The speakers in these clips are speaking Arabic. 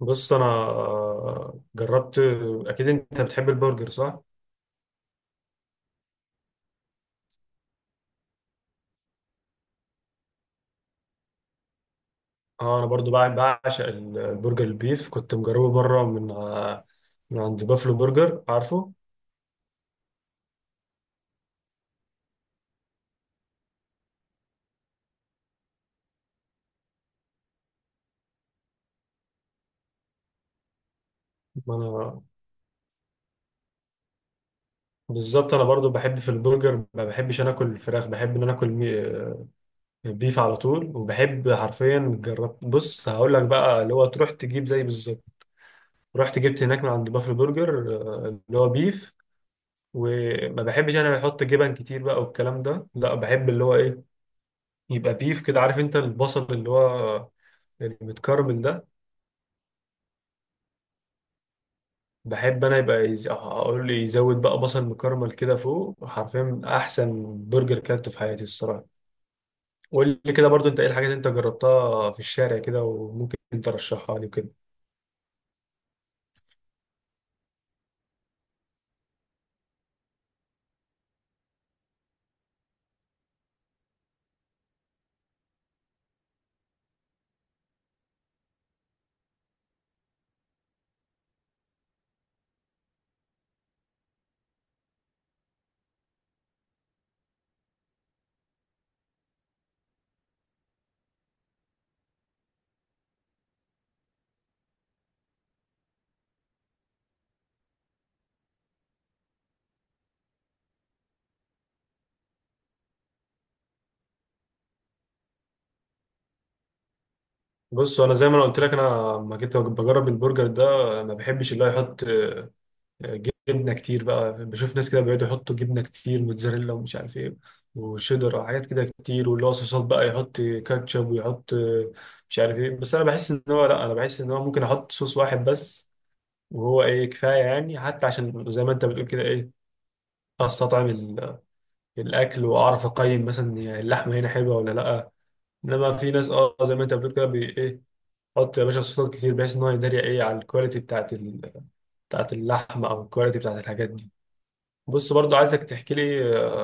بص انا جربت. اكيد انت بتحب البرجر، صح؟ اه، انا برضو بعشق البرجر البيف. كنت مجربه بره من عند بافلو برجر، عارفه؟ ما انا بالظبط. انا برضو بحب في البرجر، ما بحبش انا اكل الفراخ. بحب ان انا اكل بيف على طول، وبحب حرفيا جربت. بص هقول لك بقى، اللي هو تروح تجيب زي بالظبط. رحت جبت هناك من عند بافلو برجر اللي هو بيف. وما بحبش انا بحط جبن كتير بقى والكلام ده، لا. بحب اللي هو ايه؟ يبقى بيف كده، عارف انت؟ البصل اللي هو المتكرمل ده، بحب انا. يبقى اقول لي يزود بقى بصل مكرمل كده فوق. حرفيا احسن برجر كلته في حياتي الصراحه. قول لي كده برضو، انت ايه الحاجات اللي انت جربتها في الشارع كده وممكن انت ترشحها لي كده؟ بص انا زي ما انا قلت لك، انا لما جيت بجرب البرجر ده ما بحبش اللي هو يحط جبنه كتير بقى. بشوف ناس كده بيقعدوا يحطوا جبنه كتير، موتزاريلا ومش عارف ايه وشيدر، حاجات كده كتير. واللي هو صوصات بقى، يحط كاتشب ويحط مش عارف ايه. بس انا بحس ان هو، لا، انا بحس ان هو ممكن احط صوص واحد بس وهو ايه كفايه. يعني حتى عشان زي ما انت بتقول كده، ايه، استطعم الاكل واعرف اقيم مثلا، يعني اللحمه هنا حلوه ولا لا. انما في ناس، اه، زي ما انت بتقول كده، بي ايه، حط يا باشا صوصات كتير بحيث ان هو يداري ايه على الكواليتي بتاعت بتاعت اللحمه، او الكواليتي بتاعت الحاجات دي. بص برضو عايزك تحكي لي،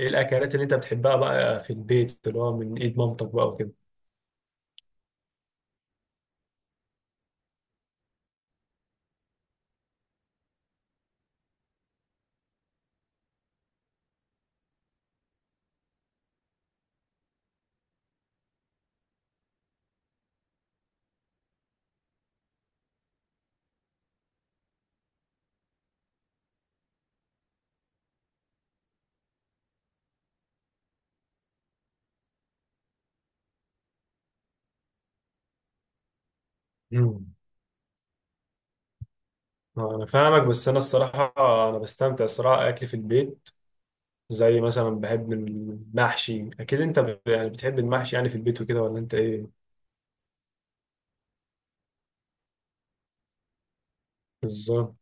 ايه الاكلات اللي انت بتحبها بقى في البيت، اللي هو من ايد مامتك بقى وكده. مم. انا فاهمك، بس انا الصراحه انا بستمتع الصراحه اكل في البيت. زي مثلا بحب المحشي، اكيد انت يعني بتحب المحشي يعني في البيت وكده، ولا انت ايه؟ بالظبط.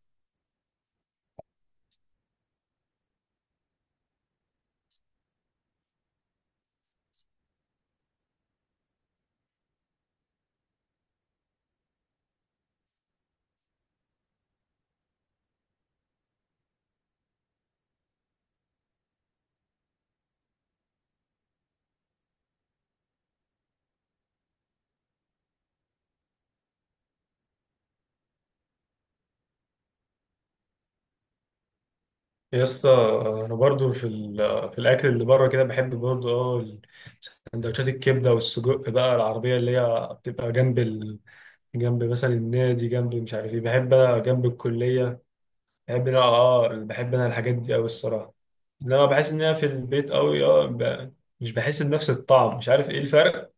يا اسطى، انا برضو في الاكل اللي بره كده بحب برضو، اه، سندوتشات الكبده والسجق بقى، العربيه اللي هي بتبقى جنب جنب مثلا النادي، جنب مش عارف ايه، بحب جنب الكليه. بحب انا الحاجات دي قوي الصراحه. انما بحس ان انا في البيت قوي، مش بحس بنفس الطعم، مش عارف ايه الفرق.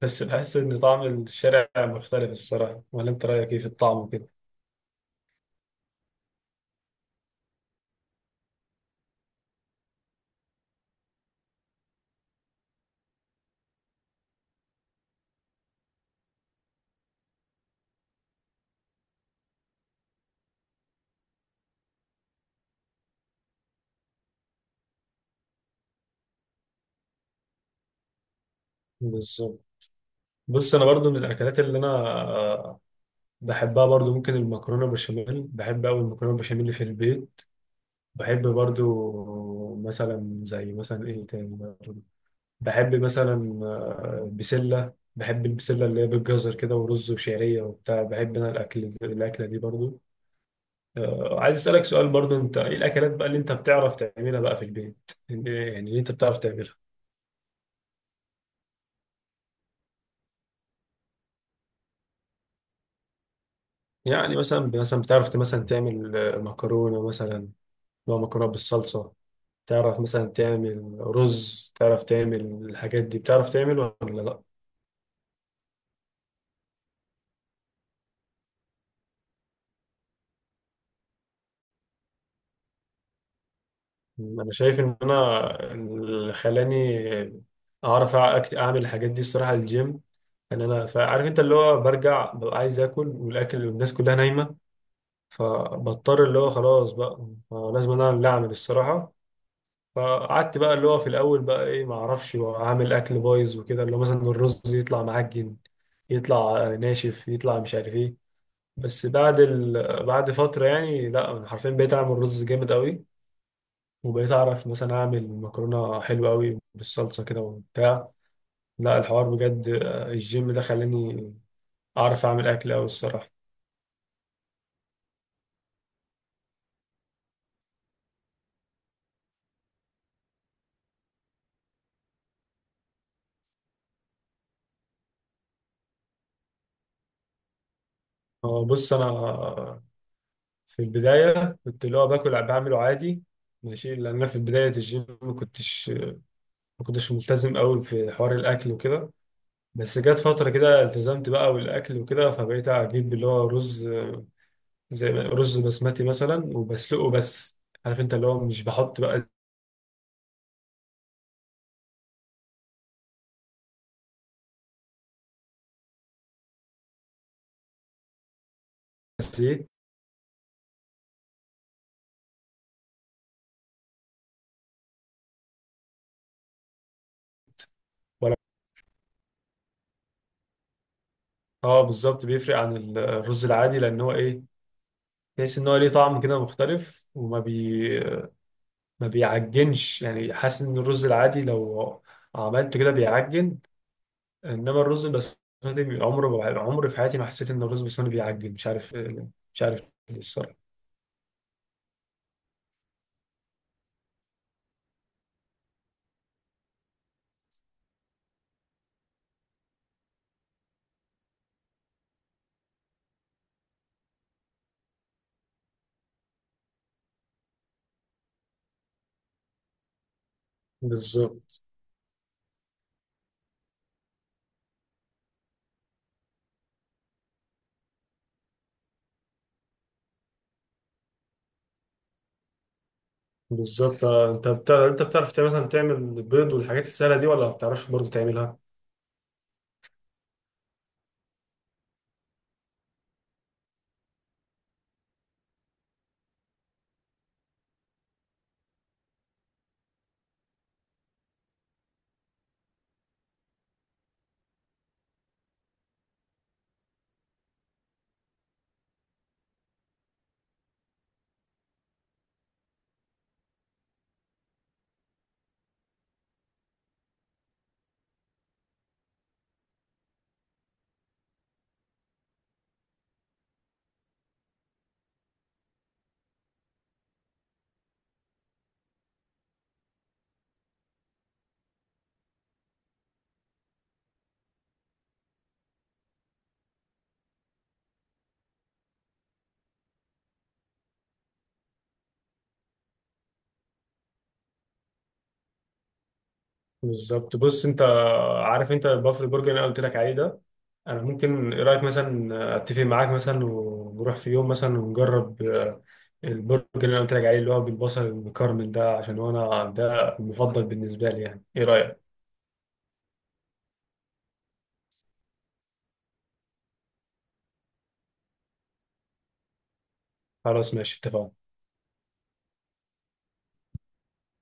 بس بحس ان طعم الشارع مختلف الصراحه. ولا انت رايك ايه في الطعم وكده؟ بالظبط. بص انا برضو من الاكلات اللي انا بحبها برضو، ممكن المكرونه بشاميل. بحب قوي المكرونه بشاميل في البيت. بحب برضو مثلا، زي مثلا ايه تاني، بحب مثلا بسلة. بحب البسلة اللي هي بالجزر كده ورز وشعرية وبتاع. بحب أنا الأكل، الأكلة دي برضو. عايز أسألك سؤال برضو، أنت إيه الأكلات بقى اللي أنت بتعرف تعملها بقى في البيت؟ يعني اللي أنت بتعرف تعملها. يعني مثلا بتعرف مثلا تعمل مكرونة مثلا، نوع مكرونة بالصلصة؟ تعرف مثلا تعمل رز، تعرف تعمل الحاجات دي؟ بتعرف تعمل ولا لأ؟ انا شايف ان انا اللي خلاني اعرف اعمل الحاجات دي الصراحه الجيم. ان انا، فعارف انت اللي هو برجع ببقى عايز اكل، والاكل والناس كلها نايمه، فبضطر اللي هو خلاص بقى لازم انا اللي اعمل الصراحه. فقعدت بقى اللي هو في الاول بقى ايه، ما اعرفش اعمل اكل، بايظ وكده، اللي هو مثلا الرز يطلع معجن، يطلع ناشف، يطلع مش عارف ايه. بس بعد فتره يعني، لا، انا حرفيا بقيت اعمل رز جامد قوي، وبقيت اعرف مثلا اعمل مكرونه حلوه قوي بالصلصه كده وبتاع. لا، الحوار بجد الجيم ده خلاني اعرف اعمل اكل قوي الصراحه. بص انا في البدايه كنت اللي هو باكل بعمله عادي ماشي، لان أنا في بدايه الجيم ما كنتش ملتزم قوي في حوار الاكل وكده. بس جت فتره كده التزمت بقى والاكل وكده، فبقيت اجيب اللي هو رز، زي رز بسمتي مثلا وبسلقه بس. عارف انت اللي هو مش بحط بقى زيت. اه بالظبط، بيفرق عن الرز العادي لان هو ايه، تحس ان هو ليه طعم كده مختلف، وما بي ما بيعجنش يعني. حاسس ان الرز العادي لو عملته كده بيعجن، انما الرز البسمتي عمره عمري في حياتي ما حسيت ان الرز البسمتي بيعجن. مش عارف، مش عارف ليه الصراحه. بالظبط، بالظبط انت بتعرف، مثلا تعمل بيض والحاجات السهله دي، ولا ما بتعرفش برضه تعملها؟ بالظبط. بص انت عارف انت البافل برجر اللي انا قلت لك عليه ده، انا ممكن، ايه رايك مثلا، اتفق معاك مثلا ونروح في يوم مثلا ونجرب البرجر اللي انا قلت لك عليه، اللي هو بالبصل المكرمل ده، عشان هو انا ده المفضل بالنسبه لي. يعني ايه رايك؟ خلاص ماشي اتفقنا.